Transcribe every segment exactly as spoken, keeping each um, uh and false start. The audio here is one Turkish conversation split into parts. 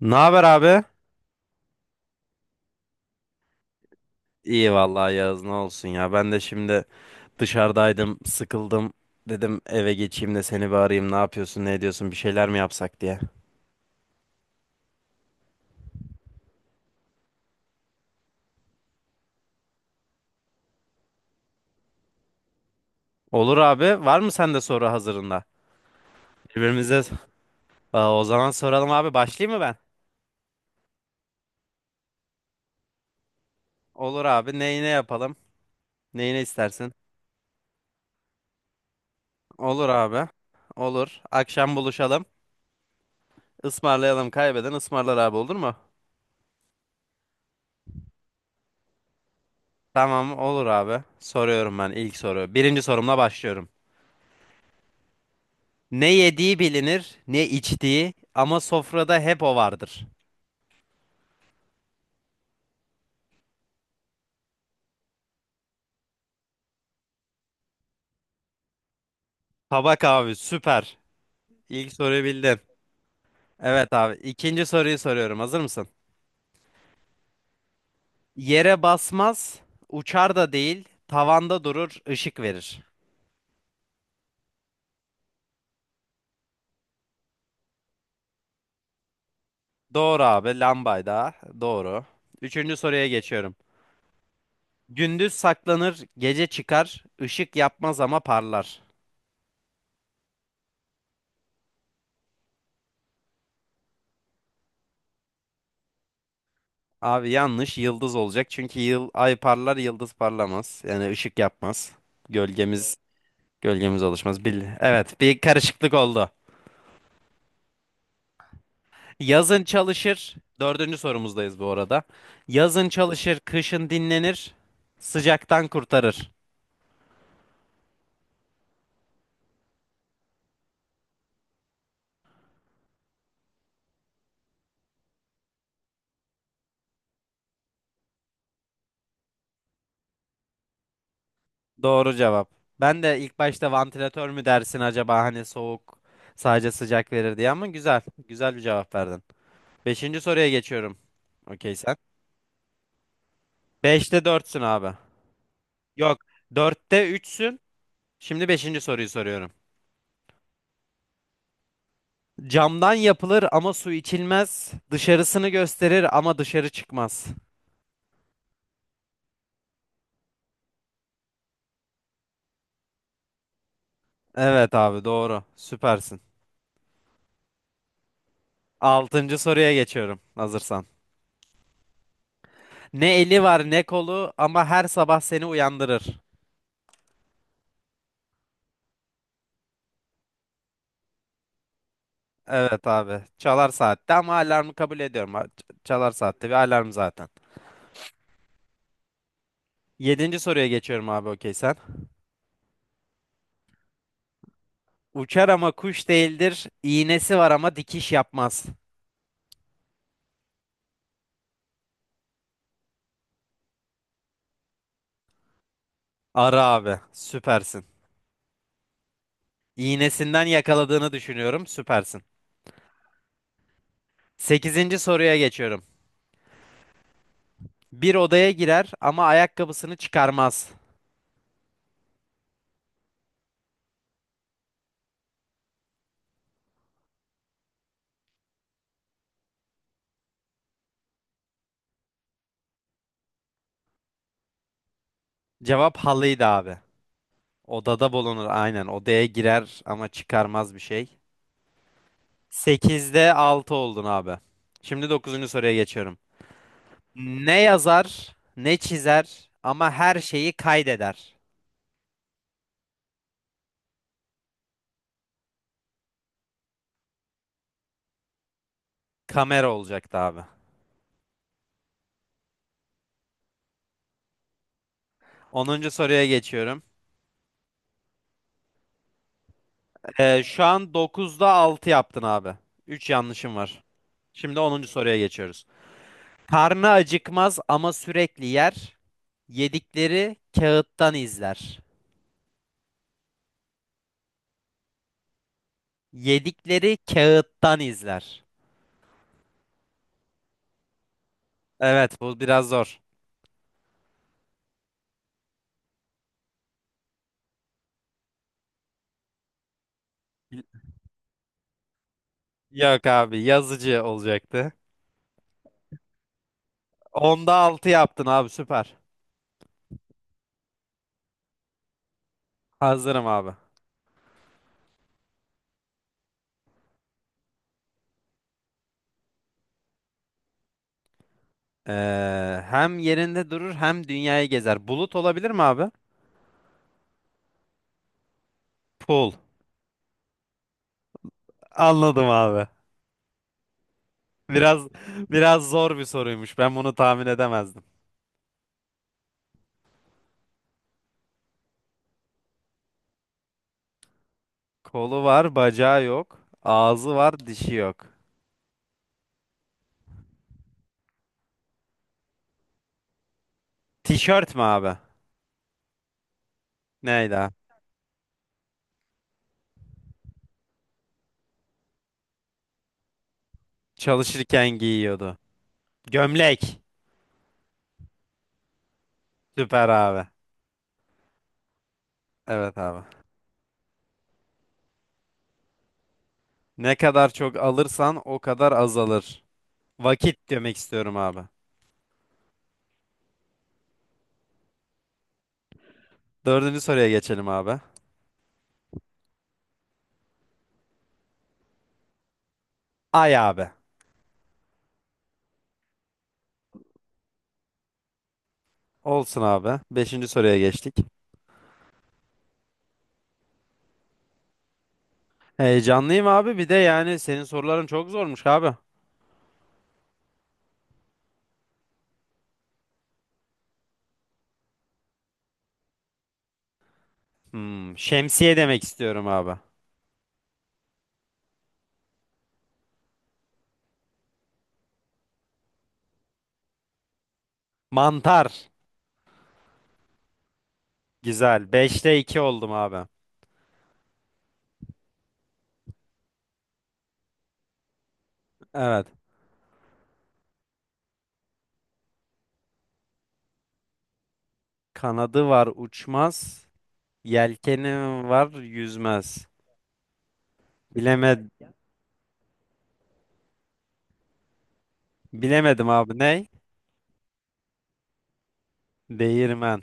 Ne haber abi? İyi vallahi Yağız ne olsun ya. Ben de şimdi dışarıdaydım, sıkıldım. Dedim eve geçeyim de seni bir arayayım. Ne yapıyorsun, ne ediyorsun, bir şeyler mi yapsak diye. Olur abi. Var mı sende soru hazırında? Birbirimize Aa, o zaman soralım abi. Başlayayım mı ben? Olur abi. Neyine yapalım? Neyine istersin? Olur abi. Olur. Akşam buluşalım. Ismarlayalım. Kaybeden ısmarlar abi, olur mu? Tamam olur abi. Soruyorum ben, ilk soru. Birinci sorumla başlıyorum. Ne yediği bilinir, ne içtiği, ama sofrada hep o vardır. Tabak abi, süper. İlk soruyu bildin. Evet abi. İkinci soruyu soruyorum. Hazır mısın? Yere basmaz, uçar da değil, tavanda durur, ışık verir. Doğru abi, lambayda. Doğru. Üçüncü soruya geçiyorum. Gündüz saklanır, gece çıkar, ışık yapmaz ama parlar. Abi yanlış, yıldız olacak. Çünkü yıl, ay parlar, yıldız parlamaz. Yani ışık yapmaz. Gölgemiz Gölgemiz alışmaz. Bil evet, bir karışıklık oldu. Yazın çalışır. Dördüncü sorumuzdayız bu arada. Yazın çalışır, kışın dinlenir, sıcaktan kurtarır. Doğru cevap. Ben de ilk başta vantilatör mü dersin acaba hani, soğuk sadece sıcak verir diye, ama güzel. Güzel bir cevap verdin. Beşinci soruya geçiyorum. Okey sen. Beşte dörtsün abi. Yok. Dörtte üçsün. Şimdi beşinci soruyu soruyorum. Camdan yapılır ama su içilmez. Dışarısını gösterir ama dışarı çıkmaz. Evet abi, doğru. Süpersin. Altıncı soruya geçiyorum hazırsan. Ne eli var ne kolu, ama her sabah seni uyandırır. Evet abi. Çalar saatte, ama alarmı kabul ediyorum. Ha, ç- Çalar saatte bir alarm zaten. Yedinci soruya geçiyorum abi, okey sen. Uçar ama kuş değildir. İğnesi var ama dikiş yapmaz. Ara abi. Süpersin. İğnesinden yakaladığını düşünüyorum. Süpersin. Sekizinci soruya geçiyorum. Bir odaya girer ama ayakkabısını çıkarmaz. Cevap halıydı abi. Odada bulunur, aynen. Odaya girer ama çıkarmaz bir şey. Sekizde altı oldun abi. Şimdi dokuzuncu soruya geçiyorum. Ne yazar, ne çizer, ama her şeyi kaydeder. Kamera olacaktı abi. Onuncu soruya geçiyorum. Ee, şu an dokuzda altı yaptın abi. Üç yanlışım var. Şimdi onuncu soruya geçiyoruz. Karnı acıkmaz ama sürekli yer. Yedikleri kağıttan izler. Yedikleri kağıttan izler. Evet, bu biraz zor. Yok abi, yazıcı olacaktı. Onda altı yaptın abi, süper. Hazırım abi. Ee, hem yerinde durur hem dünyayı gezer. Bulut olabilir mi abi? Pul. Anladım abi. Biraz biraz zor bir soruymuş. Ben bunu tahmin edemezdim. Kolu var, bacağı yok. Ağzı var, dişi yok. Tişört mü abi? Neydi abi? Çalışırken giyiyordu. Gömlek. Süper abi. Evet abi. Ne kadar çok alırsan o kadar azalır. Vakit demek istiyorum abi. Dördüncü soruya geçelim abi. Ay abi. Olsun abi. Beşinci soruya geçtik. Heyecanlıyım abi. Bir de yani senin soruların çok zormuş abi. Hmm, şemsiye demek istiyorum abi. Mantar. Güzel. Beşte iki oldum abi. Evet. Kanadı var uçmaz. Yelkeni var yüzmez. Bileme Bilemedim abi. Ne? Değirmen.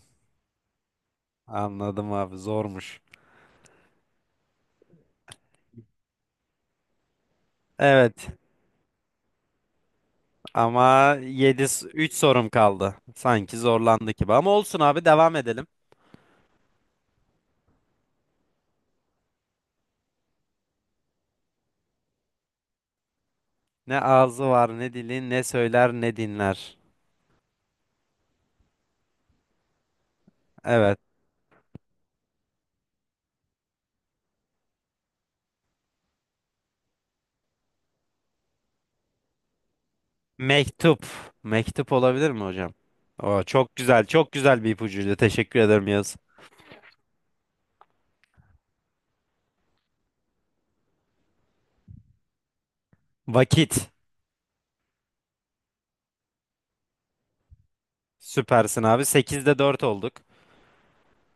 Anladım abi. Zormuş. Evet. Ama yedi üç sorum kaldı. Sanki zorlandık gibi. Ama olsun abi, devam edelim. Ne ağzı var, ne dili, ne söyler, ne dinler. Evet. Mektup. Mektup olabilir mi hocam? Oo, çok güzel. Çok güzel bir ipucuydu. Teşekkür ederim Yağız. Vakit. Süpersin abi. Sekizde dört olduk.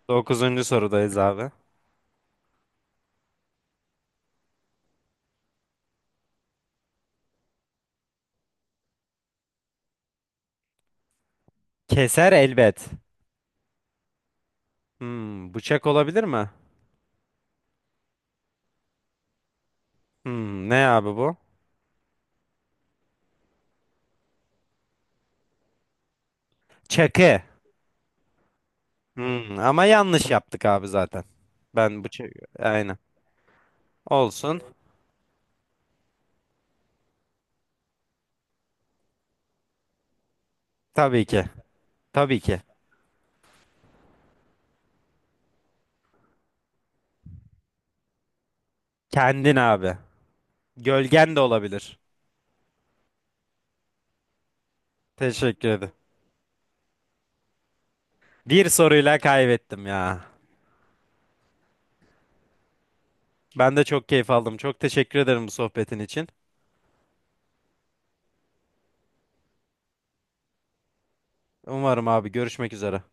Dokuzuncu sorudayız abi. Keser elbet. Hmm, bıçak olabilir mi? Hmm, ne abi bu? Çakı. Hmm, ama yanlış yaptık abi zaten. Ben bu çakı. Aynen. Olsun. Tabii ki. Tabii ki. Kendin abi. Gölgen de olabilir. Teşekkür ederim. Bir soruyla kaybettim ya. Ben de çok keyif aldım. Çok teşekkür ederim bu sohbetin için. Umarım abi, görüşmek üzere.